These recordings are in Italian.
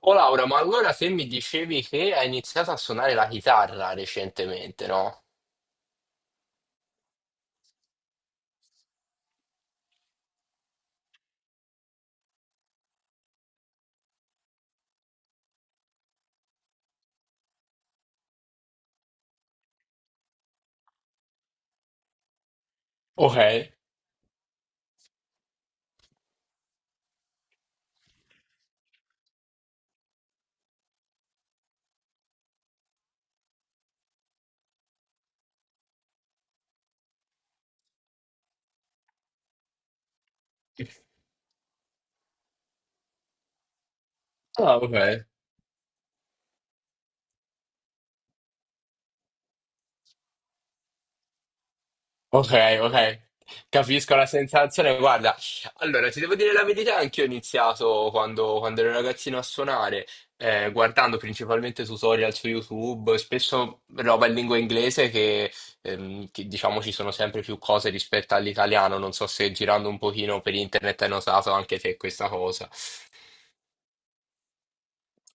Oh Laura, ma allora se mi dicevi che hai iniziato a suonare la chitarra recentemente, no? Ok. Ah, ok. Ok, ok. Capisco la sensazione. Guarda, allora ti devo dire la verità, anch'io ho iniziato quando ero ragazzino a suonare, guardando principalmente tutorial su YouTube, spesso roba in lingua inglese che diciamo ci sono sempre più cose rispetto all'italiano. Non so se girando un pochino per internet hai notato anche te questa cosa.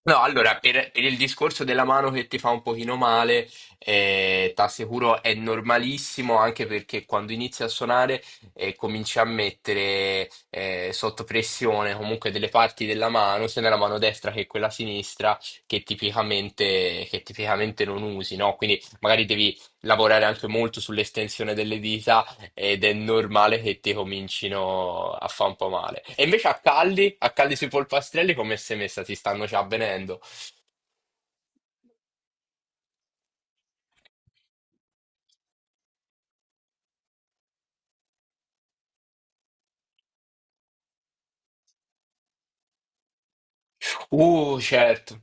No, allora, per il discorso della mano che ti fa un pochino male, t'assicuro è normalissimo anche perché quando inizi a suonare cominci a mettere sotto pressione comunque delle parti della mano, sia nella mano destra che quella sinistra, che tipicamente non usi, no? Quindi magari devi lavorare anche molto sull'estensione delle dita ed è normale che ti comincino a fa' un po' male. E invece a Calli sui polpastrelli come sei messa? Ti stanno già avvenendo? Certo.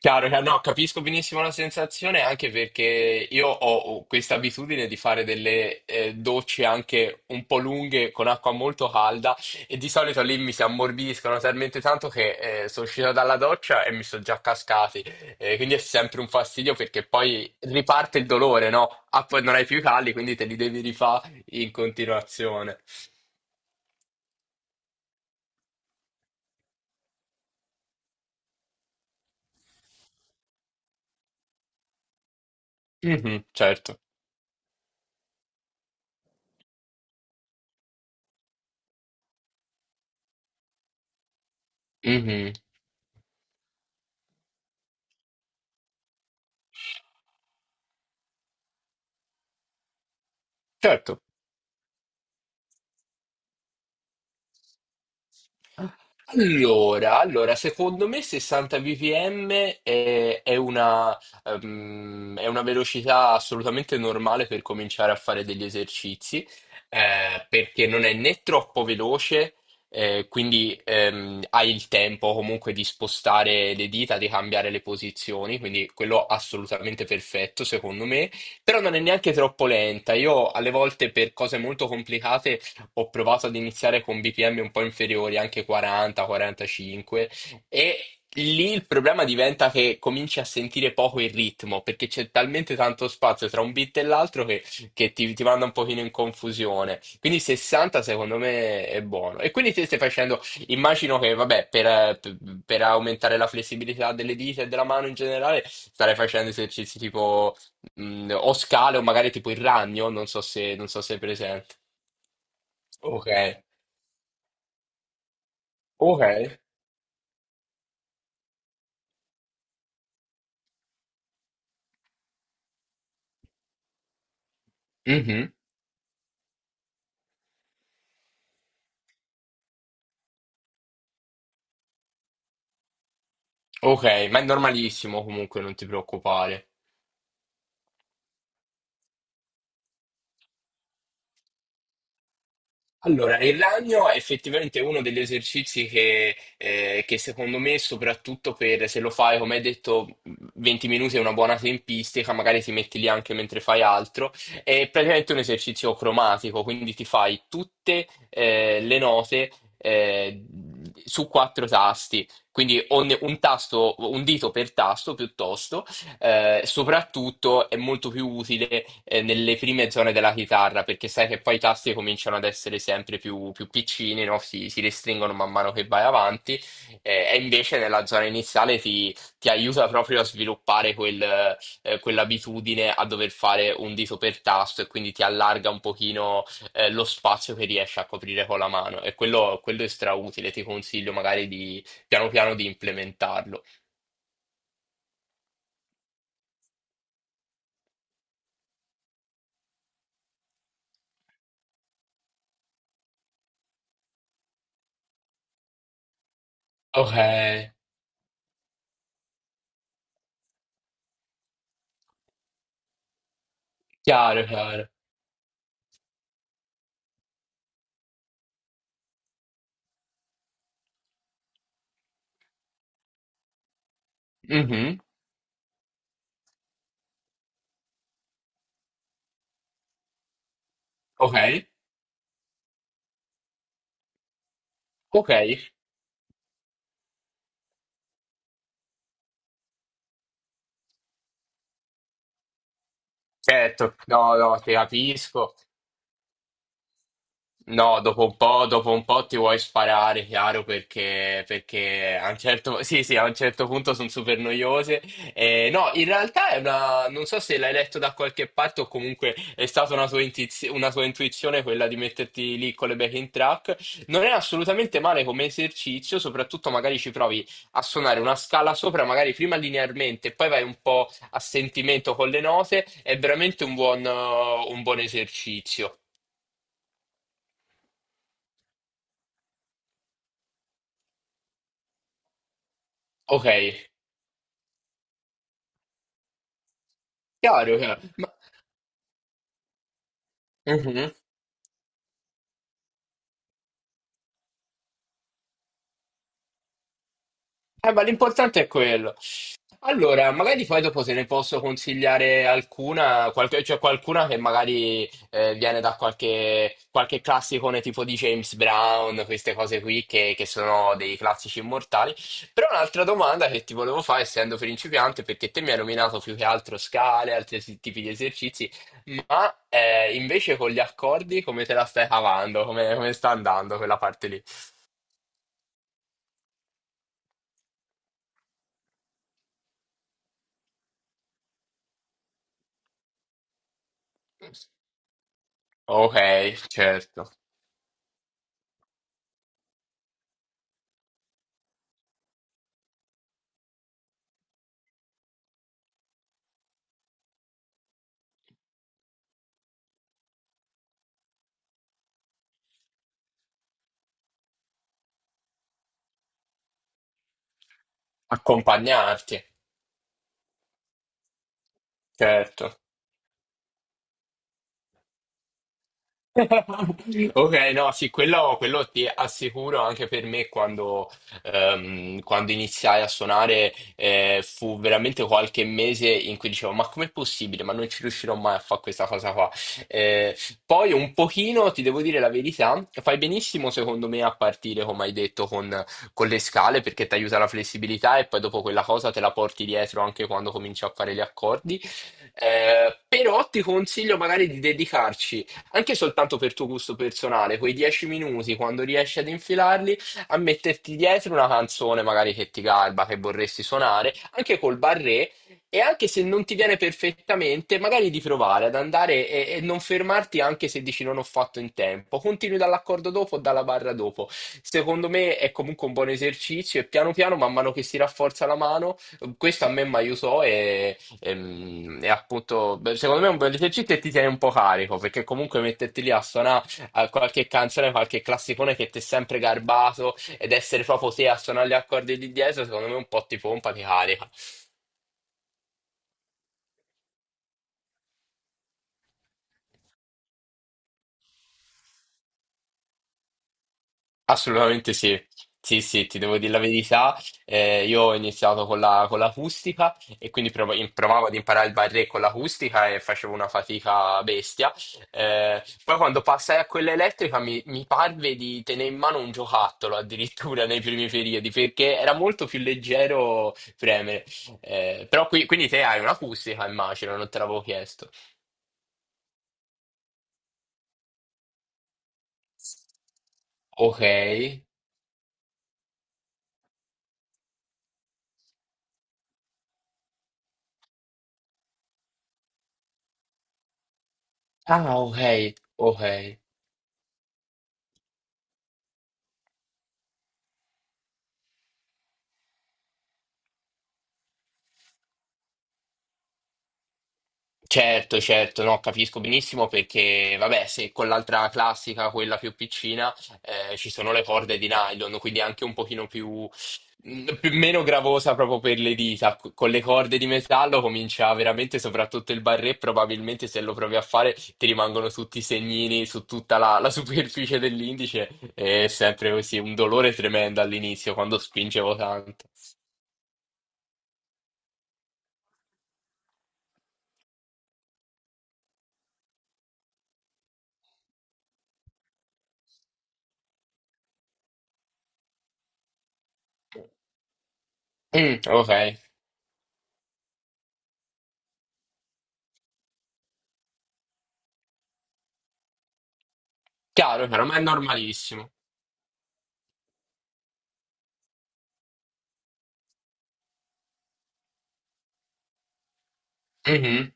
Chiaro, chiaro. No, capisco benissimo la sensazione anche perché io ho questa abitudine di fare delle docce anche un po' lunghe con acqua molto calda e di solito lì mi si ammorbidiscono talmente tanto che sono uscito dalla doccia e mi sono già cascati. Quindi è sempre un fastidio perché poi riparte il dolore, no? Ah, poi non hai più i calli, quindi te li devi rifare in continuazione. Mhm, certo. Mhm, certo. Allora, allora, secondo me 60 bpm è, è una, è una velocità assolutamente normale per cominciare a fare degli esercizi, perché non è né troppo veloce, quindi hai il tempo comunque di spostare le dita, di cambiare le posizioni, quindi quello assolutamente perfetto secondo me, però non è neanche troppo lenta. Io alle volte per cose molto complicate ho provato ad iniziare con BPM un po' inferiori, anche 40, 45, e lì il problema diventa che cominci a sentire poco il ritmo, perché c'è talmente tanto spazio tra un beat e l'altro che ti manda un pochino in confusione. Quindi 60 secondo me è buono. E quindi te stai facendo, immagino che, vabbè, per aumentare la flessibilità delle dita e della mano in generale, starei facendo esercizi tipo o scale o magari tipo il ragno, non so se, non so se è presente. Ok. Ok. Mhm. Ok, ma è normalissimo comunque, non ti preoccupare. Allora, il ragno è effettivamente uno degli esercizi che secondo me, soprattutto per se lo fai, come hai detto, 20 minuti è una buona tempistica, magari ti metti lì anche mentre fai altro, è praticamente un esercizio cromatico, quindi ti fai tutte, le note, eh, su 4 tasti, quindi un tasto, un dito per tasto piuttosto. Soprattutto è molto più utile nelle prime zone della chitarra perché sai che poi i tasti cominciano ad essere sempre più piccini, no? Si restringono man mano che vai avanti e invece nella zona iniziale ti aiuta proprio a sviluppare quell'abitudine a dover fare un dito per tasto e quindi ti allarga un pochino lo spazio che riesci a coprire con la mano e quello è strautile, ti consiglio magari di piano piano di implementarlo. Ok, chiaro, chiaro. Mhm. Ok, ok, certo, no, no, ti capisco. No, dopo un po' ti vuoi sparare, chiaro, perché, perché a un certo, sì, sì, a un certo punto sono super noiose. No, in realtà è una, non so se l'hai letto da qualche parte o comunque è stata una tua, una tua intuizione quella di metterti lì con le backing track. Non è assolutamente male come esercizio, soprattutto magari ci provi a suonare una scala sopra, magari prima linearmente, e poi vai un po' a sentimento con le note. È veramente un un buon esercizio. Ok. Chiaro, chiaro. Ma, mhm. Ma l'importante è quello. Allora, magari poi dopo te ne posso consigliare alcuna, qualche, cioè qualcuna che magari viene da qualche classicone tipo di James Brown, queste cose qui che sono dei classici immortali. Però un'altra domanda che ti volevo fare, essendo principiante, perché te mi hai nominato più che altro scale, altri tipi di esercizi, ma invece con gli accordi come te la stai cavando? Come, come sta andando quella parte lì? Okay, certo. Accompagnarti, certo. Ok, no, sì, quello ti assicuro anche per me quando iniziai a suonare fu veramente qualche mese in cui dicevo ma com'è possibile? Ma non ci riuscirò mai a fare questa cosa qua. Eh, poi un pochino, ti devo dire la verità, fai benissimo secondo me a partire, come hai detto, con le scale perché ti aiuta la flessibilità e poi dopo quella cosa te la porti dietro anche quando cominci a fare gli accordi. Però ti consiglio magari di dedicarci anche soltanto per tuo gusto personale, quei 10 minuti, quando riesci ad infilarli, a metterti dietro una canzone magari che ti garba, che vorresti suonare, anche col barré, e anche se non ti viene perfettamente, magari di provare ad andare e non fermarti anche se dici non ho fatto in tempo. Continui dall'accordo dopo o dalla barra dopo. Secondo me è comunque un buon esercizio e piano piano, man mano che si rafforza la mano, questo a me mi aiutò e appunto, beh, secondo me è un bel esercizio e ti tiene un po' carico, perché comunque metterti lì a suonare qualche canzone, qualche classicone che ti è sempre garbato ed essere proprio te a suonare gli accordi lì dietro, secondo me un po' ti pompa, ti carica. Assolutamente sì. Sì, sì, ti devo dire la verità. Io ho iniziato con l'acustica e quindi provavo ad imparare il barré con l'acustica e facevo una fatica bestia. Poi quando passai a quella elettrica mi parve di tenere in mano un giocattolo addirittura nei primi periodi perché era molto più leggero premere. Però qui, quindi te hai un'acustica, immagino, non te l'avevo chiesto. Ok. Ah, ok, ok. Certo, certo, no, capisco benissimo perché, vabbè, se con l'altra classica, quella più piccina, ci sono le corde di nylon, quindi anche un pochino più, meno gravosa proprio per le dita. Con le corde di metallo comincia veramente, soprattutto il barré, probabilmente se lo provi a fare ti rimangono tutti i segnini su tutta la superficie dell'indice, è sempre così, un dolore tremendo all'inizio quando spingevo tanto. Mm, ok, chiaro, chiaro, ma è normalissimo. Mhm.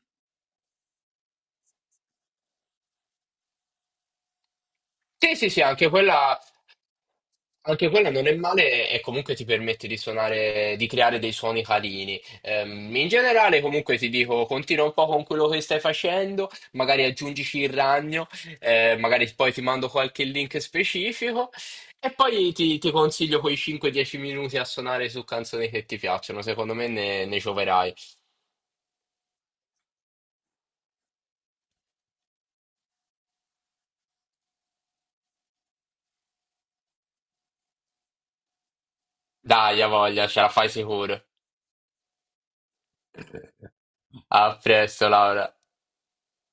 Sì, sì, sì, anche quella non è male e comunque ti permette di suonare, di creare dei suoni carini. In generale, comunque ti dico, continua un po' con quello che stai facendo, magari aggiungici il ragno, magari poi ti mando qualche link specifico e poi ti consiglio quei 5-10 minuti a suonare su canzoni che ti piacciono. Secondo me ne gioverai. Dai, a voglia, ce la fai sicuro. A presto, Laura.